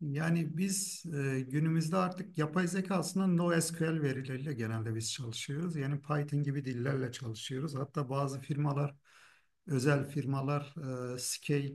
Yani biz günümüzde artık yapay zeka aslında NoSQL verileriyle genelde biz çalışıyoruz. Yani Python gibi dillerle çalışıyoruz. Hatta bazı firmalar, özel firmalar Scale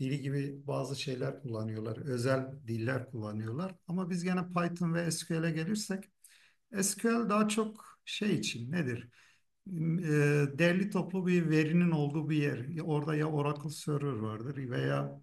dili gibi bazı şeyler kullanıyorlar. Özel diller kullanıyorlar. Ama biz gene Python ve SQL'e gelirsek SQL daha çok şey için nedir? Derli toplu bir verinin olduğu bir yer. Orada ya Oracle Server vardır veya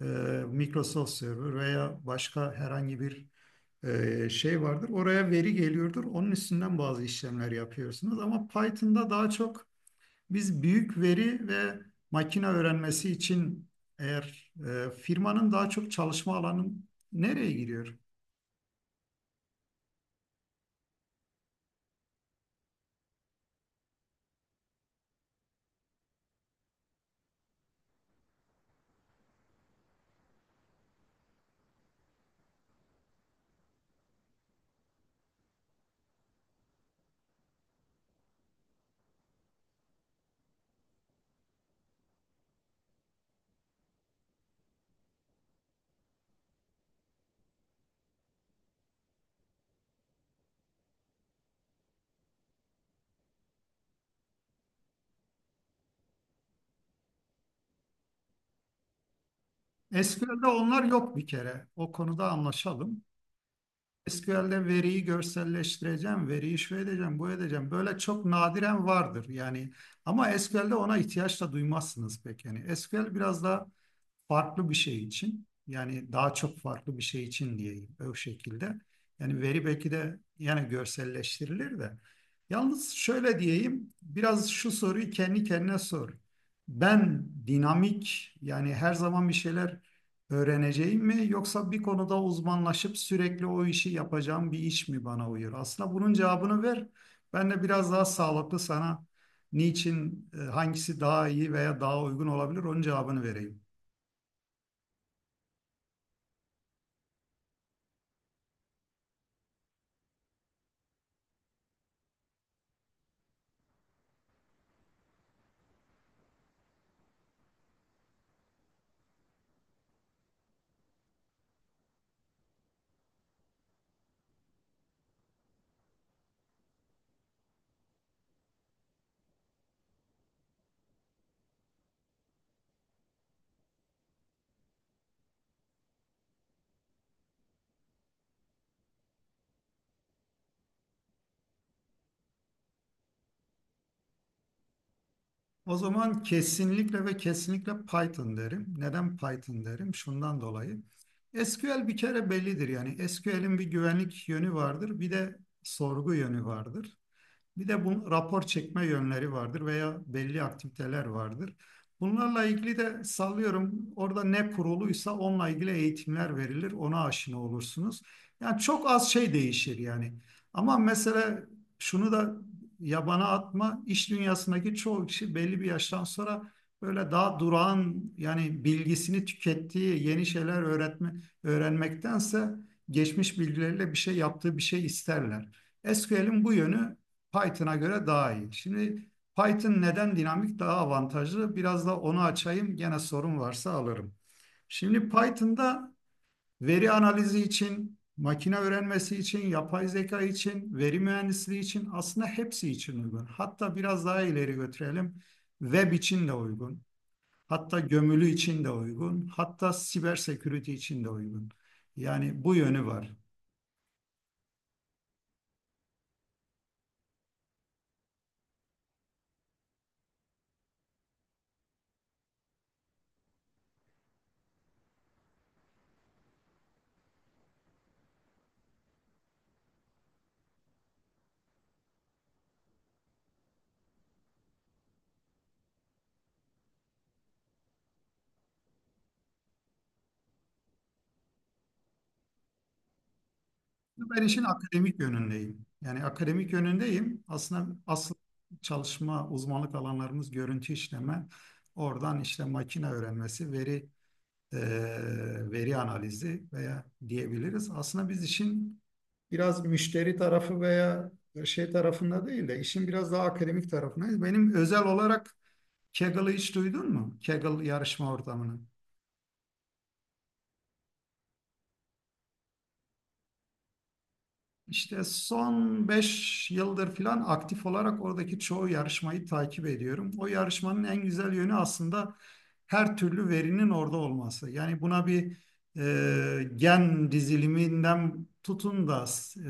e, Microsoft Server veya başka herhangi bir şey vardır. Oraya veri geliyordur. Onun üstünden bazı işlemler yapıyorsunuz. Ama Python'da daha çok biz büyük veri ve makine öğrenmesi için eğer firmanın daha çok çalışma alanı nereye giriyor? SQL'de onlar yok bir kere. O konuda anlaşalım. SQL'de veriyi görselleştireceğim, veriyi şu edeceğim, bu edeceğim. Böyle çok nadiren vardır yani. Ama SQL'de ona ihtiyaç da duymazsınız pek. Yani SQL biraz daha farklı bir şey için. Yani daha çok farklı bir şey için diyeyim o şekilde. Yani veri belki de yani görselleştirilir de. Yalnız şöyle diyeyim, biraz şu soruyu kendi kendine sor. Ben dinamik yani her zaman bir şeyler öğreneceğim mi yoksa bir konuda uzmanlaşıp sürekli o işi yapacağım bir iş mi bana uyuyor? Aslında bunun cevabını ver. Ben de biraz daha sağlıklı sana niçin, hangisi daha iyi veya daha uygun olabilir onun cevabını vereyim. O zaman kesinlikle ve kesinlikle Python derim. Neden Python derim? Şundan dolayı. SQL bir kere bellidir yani. SQL'in bir güvenlik yönü vardır, bir de sorgu yönü vardır. Bir de bu rapor çekme yönleri vardır veya belli aktiviteler vardır. Bunlarla ilgili de sallıyorum orada ne kuruluysa onunla ilgili eğitimler verilir. Ona aşina olursunuz. Yani çok az şey değişir yani. Ama mesela şunu da yabana atma. İş dünyasındaki çoğu kişi belli bir yaştan sonra böyle daha durağan yani bilgisini tükettiği yeni şeyler öğretme, öğrenmektense geçmiş bilgileriyle bir şey yaptığı bir şey isterler. SQL'in bu yönü Python'a göre daha iyi. Şimdi Python neden dinamik daha avantajlı? Biraz da onu açayım. Gene sorun varsa alırım. Şimdi Python'da veri analizi için, makine öğrenmesi için, yapay zeka için, veri mühendisliği için aslında hepsi için uygun. Hatta biraz daha ileri götürelim. Web için de uygun. Hatta gömülü için de uygun. Hatta siber security için de uygun. Yani bu yönü var. Ben işin akademik yönündeyim. Yani akademik yönündeyim. Aslında asıl çalışma uzmanlık alanlarımız görüntü işleme, oradan işte makine öğrenmesi, veri analizi veya diyebiliriz. Aslında biz işin biraz müşteri tarafı veya şey tarafında değil de işin biraz daha akademik tarafındayız. Benim özel olarak Kaggle'ı hiç duydun mu? Kaggle yarışma ortamını. İşte son 5 yıldır falan aktif olarak oradaki çoğu yarışmayı takip ediyorum. O yarışmanın en güzel yönü aslında her türlü verinin orada olması. Yani buna bir gen diziliminden tutun da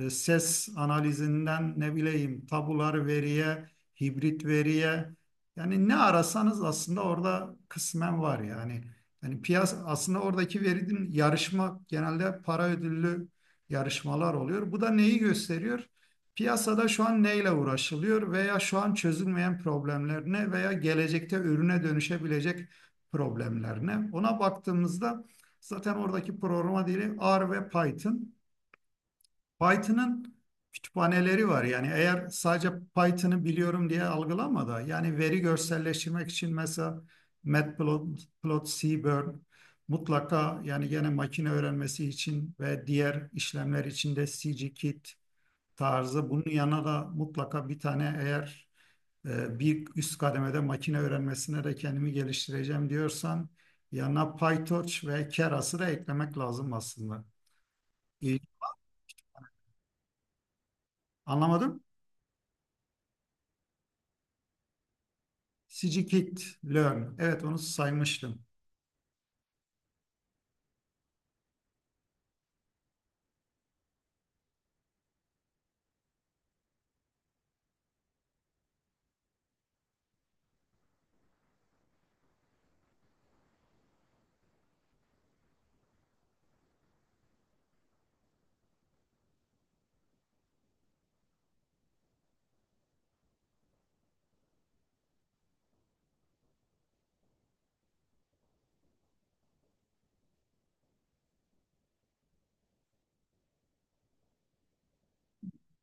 ses analizinden ne bileyim tabular veriye, hibrit veriye yani ne arasanız aslında orada kısmen var yani. Yani piyasa aslında oradaki verinin yarışma genelde para ödüllü yarışmalar oluyor. Bu da neyi gösteriyor? Piyasada şu an neyle uğraşılıyor veya şu an çözülmeyen problemler ne veya gelecekte ürüne dönüşebilecek problemler ne? Ona baktığımızda zaten oradaki programa dili R ve Python. Python'ın kütüphaneleri var. Yani eğer sadece Python'ı biliyorum diye algılama da yani veri görselleştirmek için mesela Matplotlib, Seaborn mutlaka yani gene makine öğrenmesi için ve diğer işlemler için de SciKit tarzı bunun yanına da mutlaka bir tane eğer bir üst kademede makine öğrenmesine de kendimi geliştireceğim diyorsan yanına PyTorch ve Keras'ı da eklemek lazım aslında. İyi. Anlamadım. Scikit Learn. Evet onu saymıştım.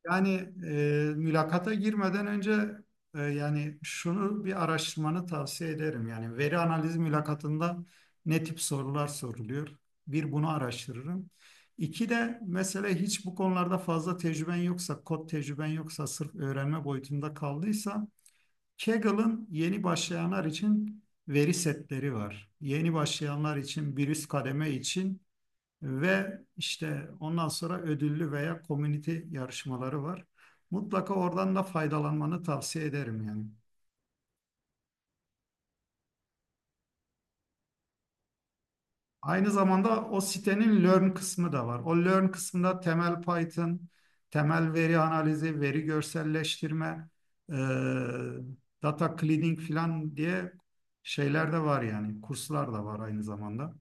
Yani mülakata girmeden önce yani şunu bir araştırmanı tavsiye ederim. Yani veri analiz mülakatında ne tip sorular soruluyor? Bir bunu araştırırım. İki de mesela hiç bu konularda fazla tecrüben yoksa, kod tecrüben yoksa, sırf öğrenme boyutunda kaldıysa Kaggle'ın yeni başlayanlar için veri setleri var. Yeni başlayanlar için bir üst kademe için. Ve işte ondan sonra ödüllü veya komünite yarışmaları var. Mutlaka oradan da faydalanmanı tavsiye ederim yani. Aynı zamanda o sitenin Learn kısmı da var. O Learn kısmında temel Python, temel veri analizi, veri görselleştirme, e, data cleaning falan diye şeyler de var yani. Kurslar da var aynı zamanda.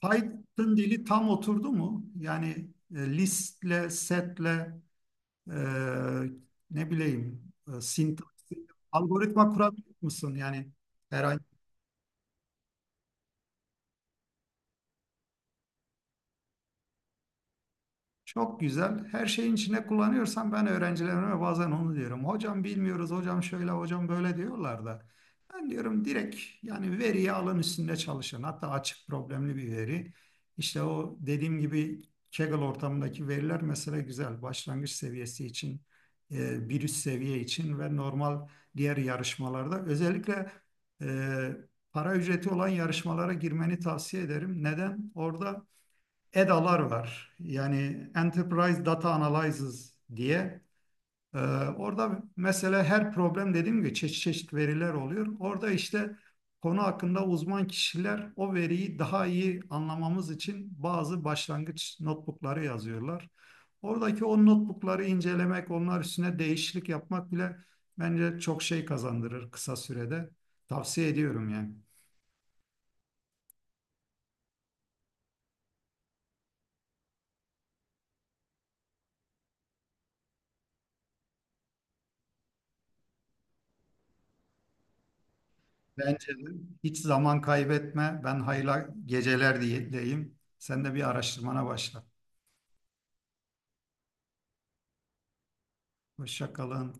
Python dili tam oturdu mu? Yani listle, setle Eee, ne bileyim sintaksi, algoritma kurabilir misin? Yani herhangi. Çok güzel. Her şeyin içine kullanıyorsan ben öğrencilerime bazen onu diyorum. Hocam bilmiyoruz, hocam şöyle, hocam böyle diyorlar da. Ben diyorum direkt yani veriyi alın üstünde çalışın. Hatta açık problemli bir veri. İşte o dediğim gibi Kaggle ortamındaki veriler mesela güzel. Başlangıç seviyesi için, bir üst seviye için ve normal diğer yarışmalarda. Özellikle e, para ücreti olan yarışmalara girmeni tavsiye ederim. Neden? Orada EDA'lar var. Yani Enterprise Data Analysis diye. Ee, orada mesela her problem dediğim gibi çeşit çeşit veriler oluyor. Orada işte konu hakkında uzman kişiler o veriyi daha iyi anlamamız için bazı başlangıç notebookları yazıyorlar. Oradaki o notebookları incelemek, onlar üstüne değişiklik yapmak bile bence çok şey kazandırır kısa sürede. Tavsiye ediyorum yani. Bence de hiç zaman kaybetme. Ben hayırlı geceler diyeyim. Sen de bir araştırmana başla. Hoşça kalın.